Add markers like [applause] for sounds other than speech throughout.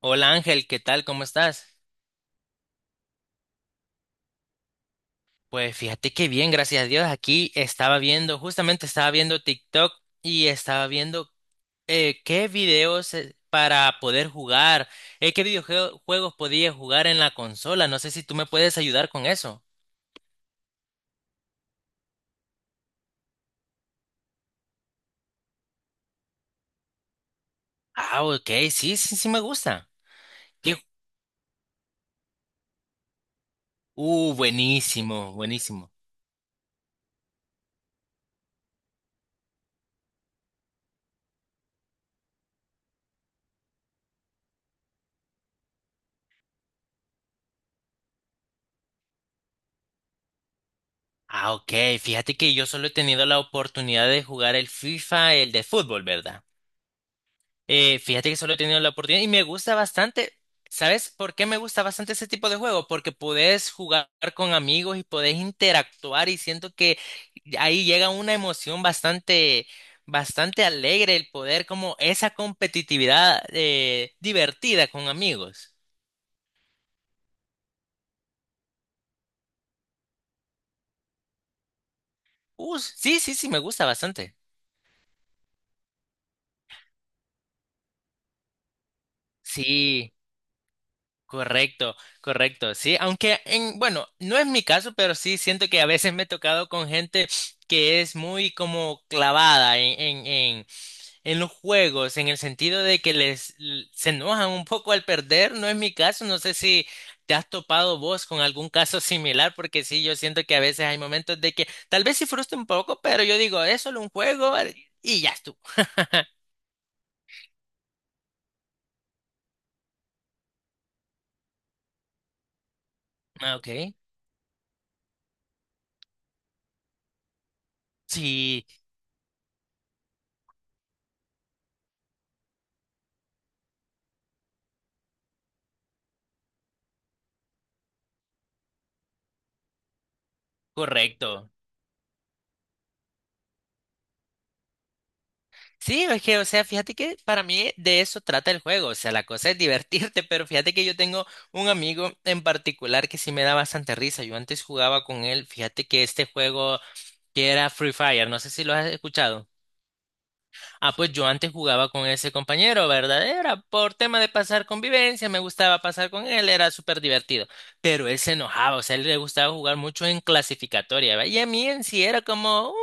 Hola Ángel, ¿qué tal? ¿Cómo estás? Pues fíjate que bien, gracias a Dios. Aquí estaba viendo, justamente estaba viendo TikTok y estaba viendo qué videos para poder jugar, qué videojuegos podía jugar en la consola. No sé si tú me puedes ayudar con eso. Ah, ok, sí, sí, sí me gusta. ¿Qué ju- buenísimo, buenísimo. Ah, ok, fíjate que yo solo he tenido la oportunidad de jugar el FIFA, el de fútbol, ¿verdad? Fíjate que solo he tenido la oportunidad y me gusta bastante. ¿Sabes por qué me gusta bastante ese tipo de juego? Porque podés jugar con amigos y podés interactuar y siento que ahí llega una emoción bastante alegre el poder como esa competitividad divertida con amigos. Sí, sí, sí, me gusta bastante. Sí. Correcto, correcto, sí, aunque bueno, no es mi caso, pero sí siento que a veces me he tocado con gente que es muy como clavada en los juegos, en el sentido de que se enojan un poco al perder, no es mi caso, no sé si te has topado vos con algún caso similar, porque sí, yo siento que a veces hay momentos de que tal vez sí frustra un poco, pero yo digo, es solo un juego y ya estuvo. Ah, ok, sí, correcto. Sí, es que, o sea, fíjate que para mí de eso trata el juego, o sea, la cosa es divertirte, [laughs] pero fíjate que yo tengo un amigo en particular que sí me da bastante risa, yo antes jugaba con él, fíjate que este juego que era Free Fire, no sé si lo has escuchado. Ah, pues yo antes jugaba con ese compañero, ¿verdad? Era por tema de pasar convivencia, me gustaba pasar con él, era súper divertido. Pero él se enojaba, o sea, a él le gustaba jugar mucho en clasificatoria, ¿va? Y a mí en sí era como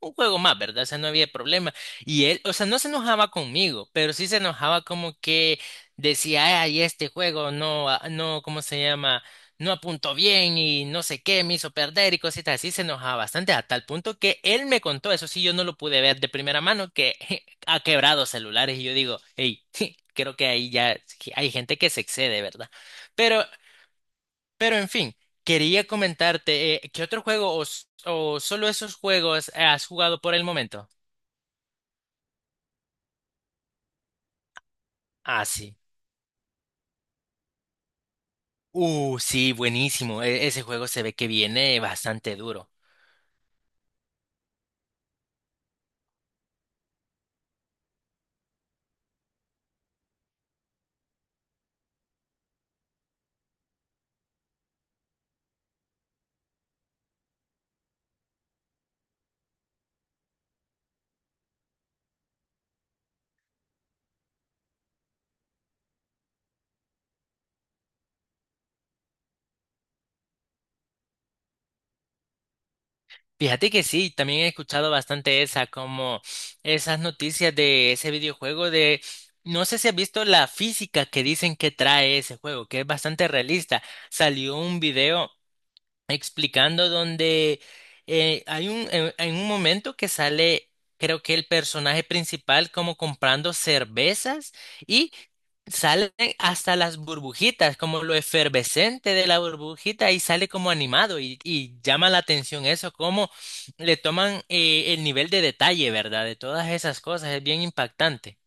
un juego más, ¿verdad? O sea, no había problema. Y él, o sea, no se enojaba conmigo, pero sí se enojaba como que decía, ay, este juego no, ah, no, ¿cómo se llama? No apuntó bien y no sé qué, me hizo perder y cositas así, se enojaba bastante a tal punto que él me contó, eso sí, yo no lo pude ver de primera mano, que [laughs] ha quebrado celulares y yo digo, hey, [laughs] creo que ahí ya sí hay gente que se excede, ¿verdad? Pero, pero en fin, quería comentarte, ¿qué otro juego o solo esos juegos has jugado por el momento? Ah, sí. Sí, buenísimo. Ese juego se ve que viene bastante duro. Fíjate que sí, también he escuchado bastante esa, como esas noticias de ese videojuego de, no sé si has visto la física que dicen que trae ese juego, que es bastante realista. Salió un video explicando donde hay un, en un momento que sale, creo que el personaje principal como comprando cervezas y salen hasta las burbujitas, como lo efervescente de la burbujita y sale como animado y llama la atención eso, cómo le toman el nivel de detalle, ¿verdad? De todas esas cosas, es bien impactante.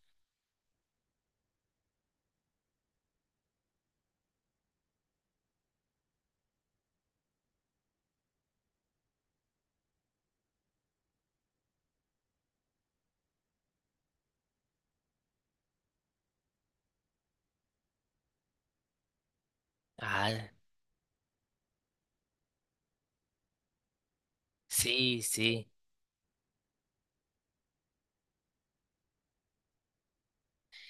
Ah, sí, sí.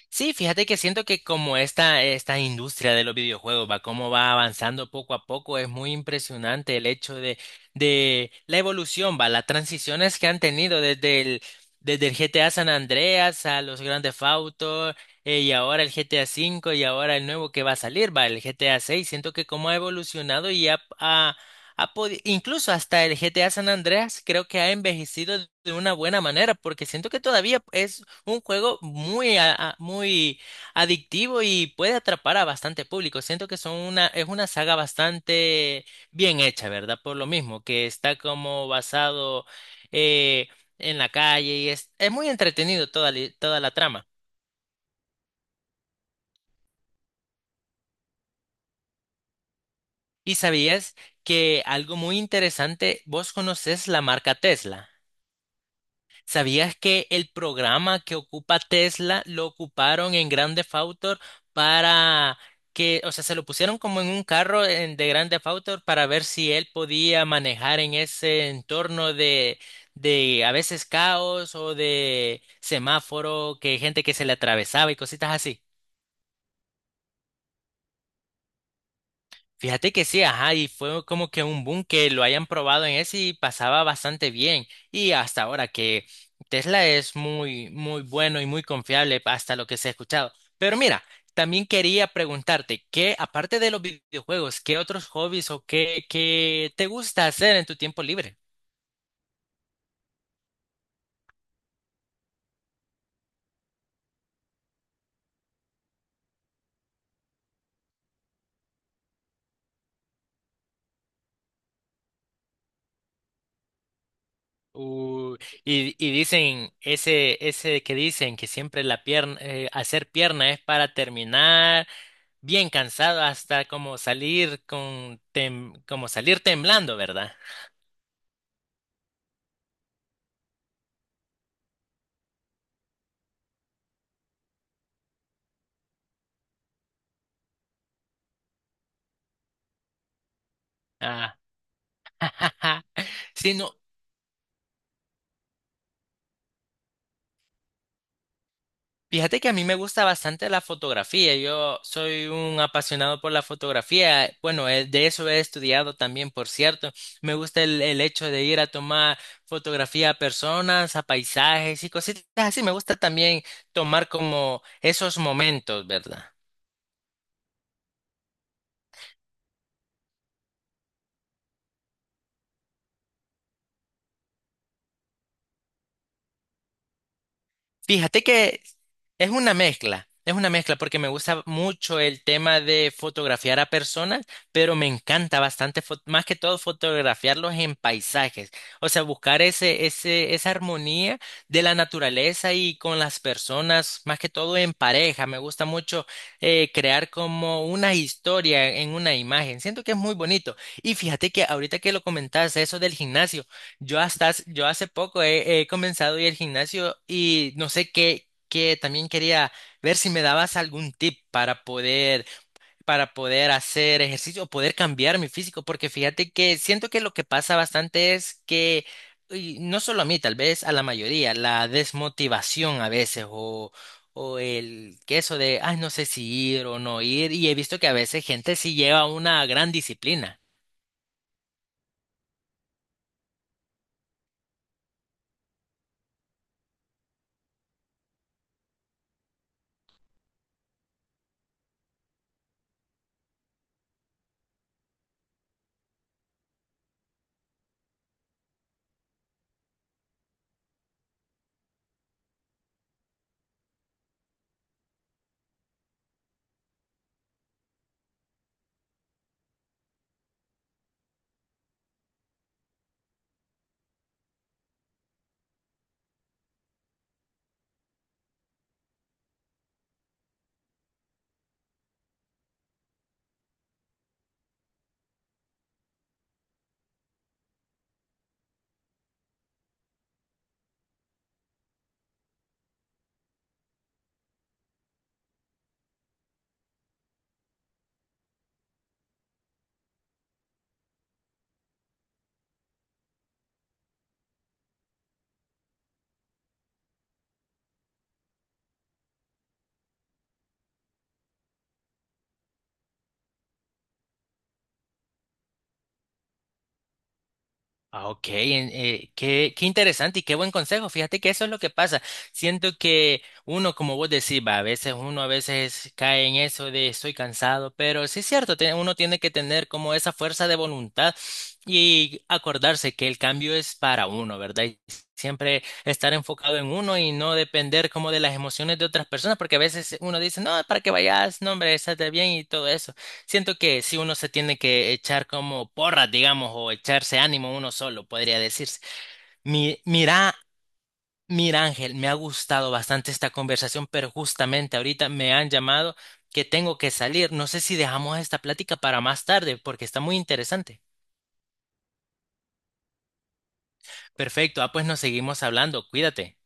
Sí, fíjate que siento que como esta industria de los videojuegos va, cómo va avanzando poco a poco, es muy impresionante el hecho de la evolución, va, las transiciones que han tenido desde el GTA San Andreas a los grandes Theft Auto, y ahora el GTA 5 y ahora el nuevo que va a salir, va, el GTA 6. Siento que cómo ha evolucionado incluso hasta el GTA San Andreas creo que ha envejecido de una buena manera, porque siento que todavía es un juego muy, muy adictivo y puede atrapar a bastante público. Siento que es una saga bastante bien hecha, ¿verdad? Por lo mismo, que está como basado eh, en la calle y es muy entretenido toda la trama. ¿Y sabías que algo muy interesante, vos conoces la marca Tesla? ¿Sabías que el programa que ocupa Tesla lo ocuparon en Grand Theft Auto para que, o sea, se lo pusieron como en un carro de Grand Theft Auto para ver si él podía manejar en ese entorno de a veces caos o de semáforo, que gente que se le atravesaba y cositas así? Fíjate que sí, ajá, y fue como que un boom que lo hayan probado en ese y pasaba bastante bien. Y hasta ahora que Tesla es muy, muy bueno y muy confiable hasta lo que se ha escuchado. Pero mira, también quería preguntarte que aparte de los videojuegos, ¿qué otros hobbies o qué te gusta hacer en tu tiempo libre? Uh, y dicen, ese que dicen que siempre la pierna, hacer pierna es para terminar. Bien cansado hasta como salir como salir temblando, ¿verdad? Ah, ajá. Sí, no. Fíjate que a mí me gusta bastante la fotografía. Yo soy un apasionado por la fotografía. Bueno, de eso he estudiado también, por cierto. Me gusta el hecho de ir a tomar fotografía a personas, a paisajes y cositas así. Me gusta también tomar como esos momentos, ¿verdad? Fíjate que es una mezcla porque me gusta mucho el tema de fotografiar a personas, pero me encanta bastante, más que todo fotografiarlos en paisajes, o sea, buscar esa armonía de la naturaleza y con las personas, más que todo en pareja. Me gusta mucho crear como una historia en una imagen. Siento que es muy bonito. Y fíjate que ahorita que lo comentaste, eso del gimnasio. Yo yo hace poco he comenzado a ir al gimnasio y no sé qué, también quería ver si me dabas algún tip para poder, hacer ejercicio o poder cambiar mi físico, porque fíjate que siento que lo que pasa bastante es que, y no solo a mí, tal vez a la mayoría, la desmotivación a veces o el que eso de, ay, no sé si ir o no ir, y he visto que a veces gente sí lleva una gran disciplina. Ah, ok, qué interesante y qué buen consejo. Fíjate que eso es lo que pasa. Siento que uno, como vos decís, va, a veces uno a veces cae en eso de estoy cansado, pero sí es cierto, uno tiene que tener como esa fuerza de voluntad y acordarse que el cambio es para uno, ¿verdad? Y siempre estar enfocado en uno y no depender como de las emociones de otras personas, porque a veces uno dice, no, para que vayas, no, hombre, estate bien y todo eso. Siento que si uno se tiene que echar como porras, digamos, o echarse ánimo uno solo, podría decirse. Mi, mira, mira Ángel, me ha gustado bastante esta conversación, pero justamente ahorita me han llamado que tengo que salir. No sé si dejamos esta plática para más tarde, porque está muy interesante. Perfecto, ah, pues nos seguimos hablando, cuídate.